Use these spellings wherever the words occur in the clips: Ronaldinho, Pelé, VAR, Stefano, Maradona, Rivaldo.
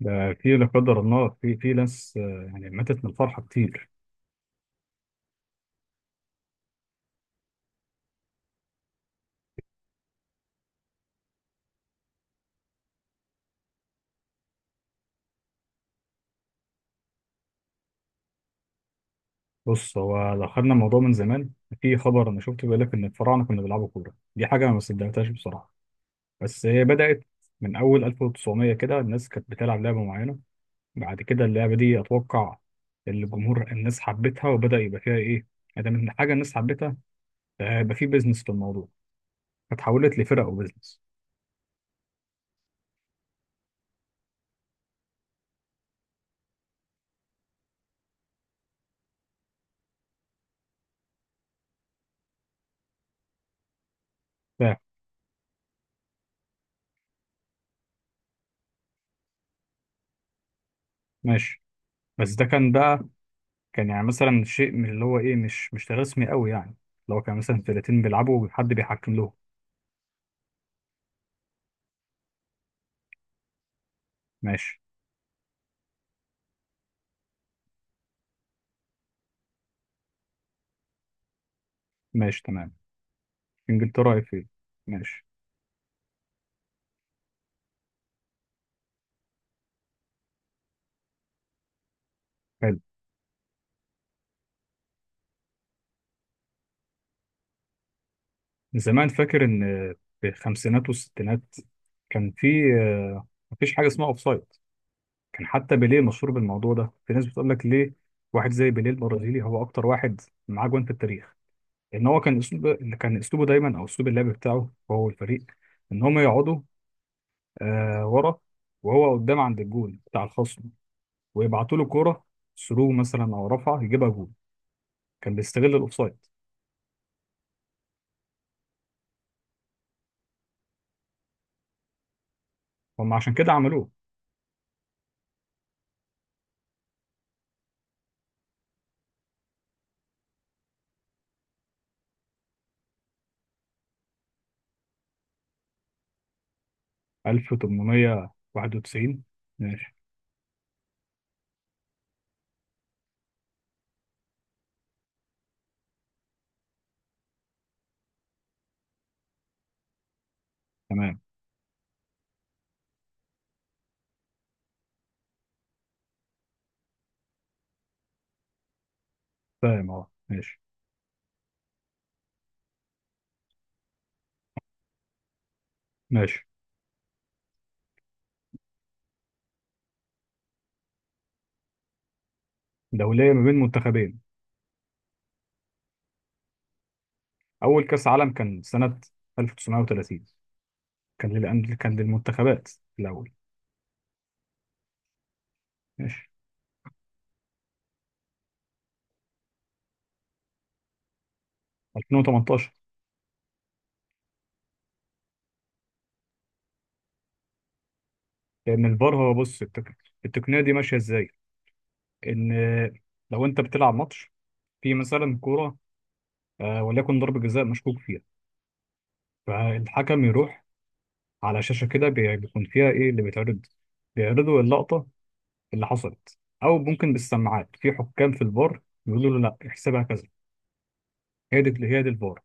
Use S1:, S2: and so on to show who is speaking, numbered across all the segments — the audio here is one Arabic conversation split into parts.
S1: ده في لا قدر الله في ناس. يعني ماتت من الفرحة كتير. بص، هو لو خدنا الموضوع من زمان، في خبر أنا شفته بيقول لك إن الفراعنة كانوا بيلعبوا كورة. دي حاجة أنا ما صدقتهاش بصراحة. بس هي بدأت من أول 1900، كده الناس كانت بتلعب لعبة معينة. بعد كده اللعبة دي أتوقع الجمهور، الناس حبتها وبدأ يبقى فيها إيه؟ ادام إن حاجة الناس حبتها، يبقى في بيزنس في الموضوع، فتحولت لفرق وبيزنس. فاهم. ماشي. بس ده كان يعني مثلا شيء من اللي هو ايه، مش رسمي قوي يعني. لو كان مثلا فرقتين بيلعبوا وحد بيحكم لهم. ماشي. ماشي، تمام. انجلترا ايه فين؟ ماشي. حلو. زمان فاكر ان في الخمسينات والستينات كان في مفيش حاجه اسمها اوفسايد. كان حتى بيليه مشهور بالموضوع ده، في ناس بتقول لك ليه. واحد زي بيليه البرازيلي هو اكتر واحد معاه جوان في التاريخ، ان هو كان اسلوب، اللي كان اسلوبه دايما او اسلوب اللعب بتاعه هو والفريق، ان هم يقعدوا ورا، وهو قدام عند الجول بتاع الخصم، ويبعتوا له كوره ثرو مثلا او رفعه يجيبها جول. كان بيستغل الاوفسايد. هم عشان كده عملوه. 1891. ماشي، تمام. فاهم. اه ماشي. ماشي، دولية، ما بين منتخبين. اول كاس عالم كان سنة 1930، كان للمنتخبات الاول. ماشي. 2018. لان الفار، هو بص، التقنية دي ماشية ازاي؟ ان لو انت بتلعب ماتش، في مثلا كورة، وليكن ضربة جزاء مشكوك فيها، فالحكم يروح على شاشة كده، بيكون فيها إيه اللي بيتعرض. بيعرضوا اللقطة اللي حصلت، أو ممكن بالسماعات في حكام في الفار بيقولوا له لا، احسبها كذا. هي دي الفار.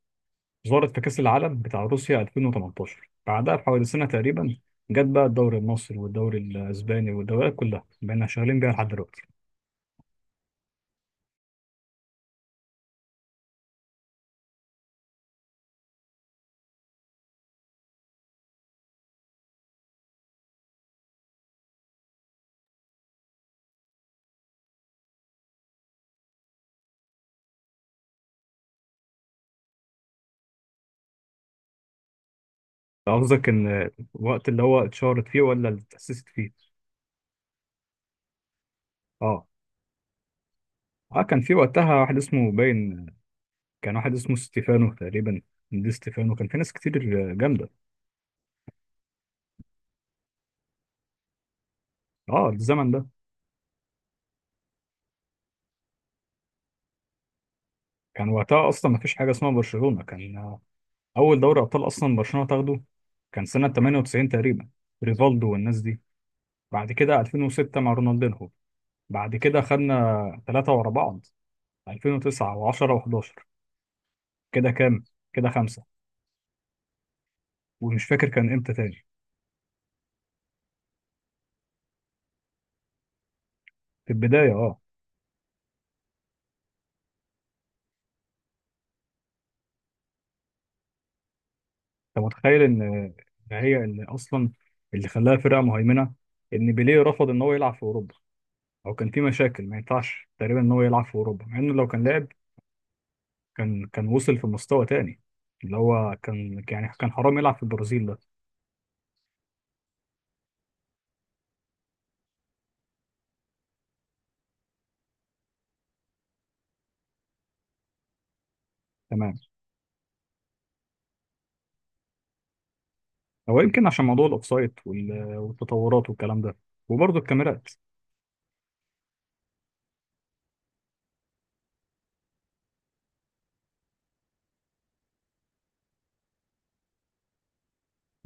S1: ظهرت في كأس العالم بتاع روسيا 2018، بعدها بحوالي سنة تقريبا جت بقى الدوري المصري والدوري الأسباني والدوريات كلها، بقينا شغالين بيها لحد دلوقتي. قصدك إن الوقت اللي هو اتشهرت فيه ولا اللي اتأسست فيه؟ آه. اه كان في وقتها واحد اسمه باين، كان واحد اسمه ستيفانو تقريبا. دي ستيفانو، كان في ناس كتير جامدة. اه، الزمن ده كان وقتها اصلا ما فيش حاجه اسمها برشلونه. كان اول دوري ابطال اصلا برشلونه تاخده كان سنه 98 تقريبا، ريفالدو والناس دي. بعد كده 2006 مع رونالدينهو. بعد كده خدنا ثلاثه ورا بعض، 2009 و10 و11. كده كام؟ كده خمسه. ومش فاكر كان امتى تاني. في البدايه، اه. انت متخيل ان هي اللي اصلا، اللي خلاها فرقه مهيمنه، ان بيليه رفض ان هو يلعب في اوروبا؟ او كان في مشاكل ما ينفعش تقريبا ان هو يلعب في اوروبا، مع انه لو كان لعب، كان كان وصل في مستوى تاني، اللي هو كان يعني كان حرام يلعب في البرازيل ده. تمام. هو يمكن عشان موضوع الاوفسايد والتطورات والكلام ده، وبرضه الكاميرات.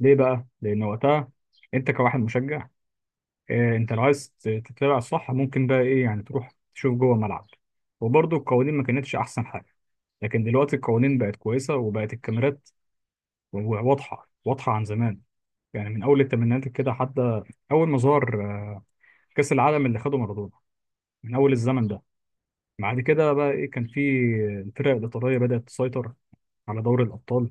S1: ليه بقى؟ لأن وقتها أنت كواحد مشجع، أنت لو عايز تتابع صح، ممكن بقى إيه يعني؟ تروح تشوف جوه الملعب. وبرضه القوانين ما كانتش أحسن حاجة، لكن دلوقتي القوانين بقت كويسة، وبقت الكاميرات واضحة، واضحة عن زمان. يعني من أول الثمانينات كده، حتى أول ما ظهر كأس العالم اللي خده مارادونا، من أول الزمن ده. بعد كده بقى ايه، كان في الفرق الايطاليه بدات تسيطر على دوري الابطال.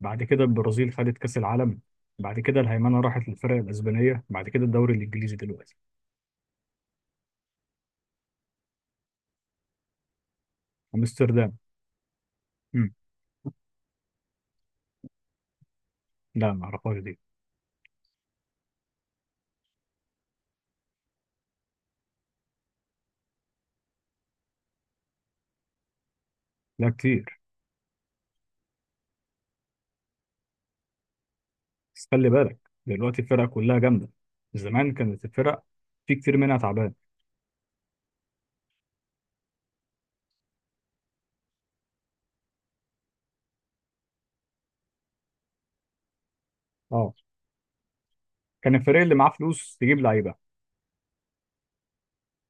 S1: بعد كده البرازيل خدت كاس العالم. بعد كده الهيمنه راحت للفرق الاسبانيه. بعد كده الدوري الانجليزي دلوقتي. امستردام. مم. لا، ما اعرفهاش دي. لا، كتير. بس خلي بالك، دلوقتي الفرق كلها جامده، زمان كانت الفرق في كتير منها تعبان. اه كان الفريق اللي معاه فلوس تجيب لعيبه.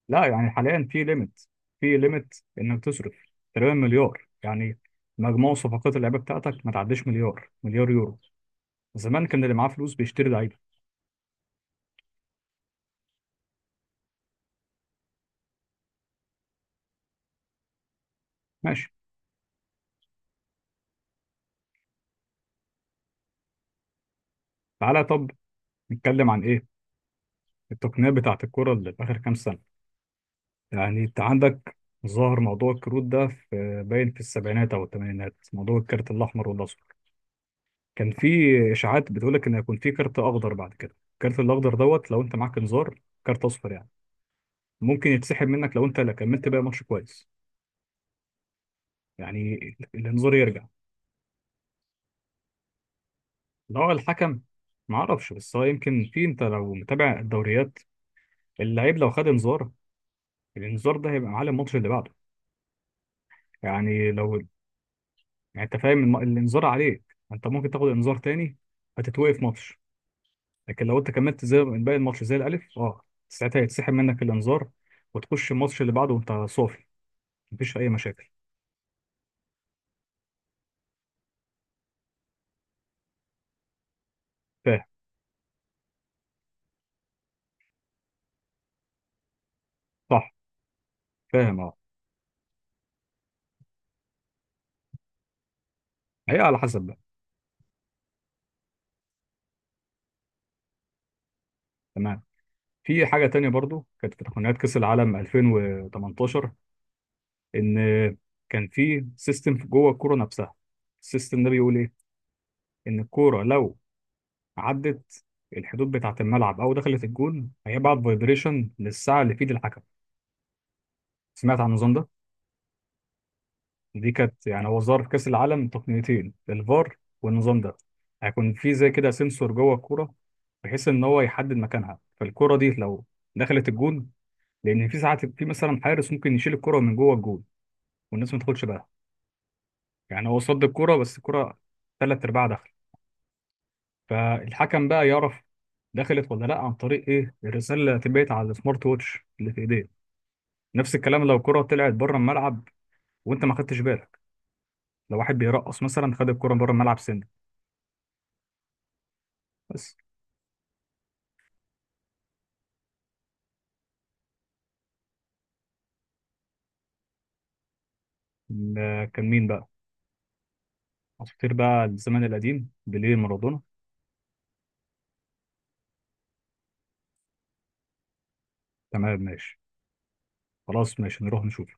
S1: لا، يعني حاليا في ليميت انك تصرف تقريبا مليار يعني. مجموع صفقات اللعيبه بتاعتك ما تعديش مليار، مليار يورو. زمان كان اللي معاه فلوس بيشتري لعيبه. ماشي. تعالى طب، نتكلم عن ايه؟ التقنيه بتاعه الكره اللي في اخر كام سنه. يعني انت عندك، ظهر موضوع الكروت ده في باين في السبعينات او الثمانينات، موضوع الكارت الاحمر والاصفر. كان في اشاعات بتقول لك ان هيكون في كارت اخضر، بعد كده الكارت الاخضر دوت. لو انت معاك انذار كارت اصفر يعني، ممكن يتسحب منك لو انت لا كملت بقى ماتش كويس يعني، الانذار يرجع. لو الحكم، ما اعرفش، بس هو يمكن في، انت لو متابع الدوريات، اللعيب لو خد انذار، الانذار ده هيبقى على الماتش اللي بعده. يعني لو يعني انت فاهم، الانذار عليك، انت ممكن تاخد انذار تاني، هتتوقف ماتش. لكن لو انت كملت زي باقي الماتش زي الالف، ساعتها هيتسحب منك الانذار، وتخش الماتش اللي بعده وانت صافي، مفيش اي مشاكل. فاهم. صح. فاهم. اه هي على حسب بقى. تمام. في حاجه تانية برضو كانت في تقنيات كاس العالم 2018، ان كان في سيستم جوه الكوره نفسها. السيستم ده بيقول ايه؟ ان الكوره لو عدت الحدود بتاعة الملعب، أو دخلت الجون، هيبعت فايبريشن للساعة اللي في إيد الحكم. سمعت عن النظام ده؟ دي كانت، يعني هو ظهر في كأس العالم تقنيتين، الفار والنظام ده. هيكون في زي كده سنسور جوه الكورة، بحيث إن هو يحدد مكانها. فالكورة دي لو دخلت الجون، لأن في ساعات في مثلا حارس ممكن يشيل الكورة من جوه الجون والناس ما تاخدش بالها. يعني هو صد الكورة، بس الكورة تلات أرباع دخل. فالحكم بقى يعرف دخلت ولا لا عن طريق ايه؟ الرساله اللي هتبعت على السمارت ووتش اللي في ايديه. نفس الكلام لو الكرة طلعت بره الملعب، وانت ما خدتش بالك، لو واحد بيرقص مثلا خد الكرة بره الملعب سنة. بس ده كان مين بقى؟ عصافير بقى الزمن القديم، بيليه، مارادونا. تمام ماشي. خلاص ماشي، نروح نشوف.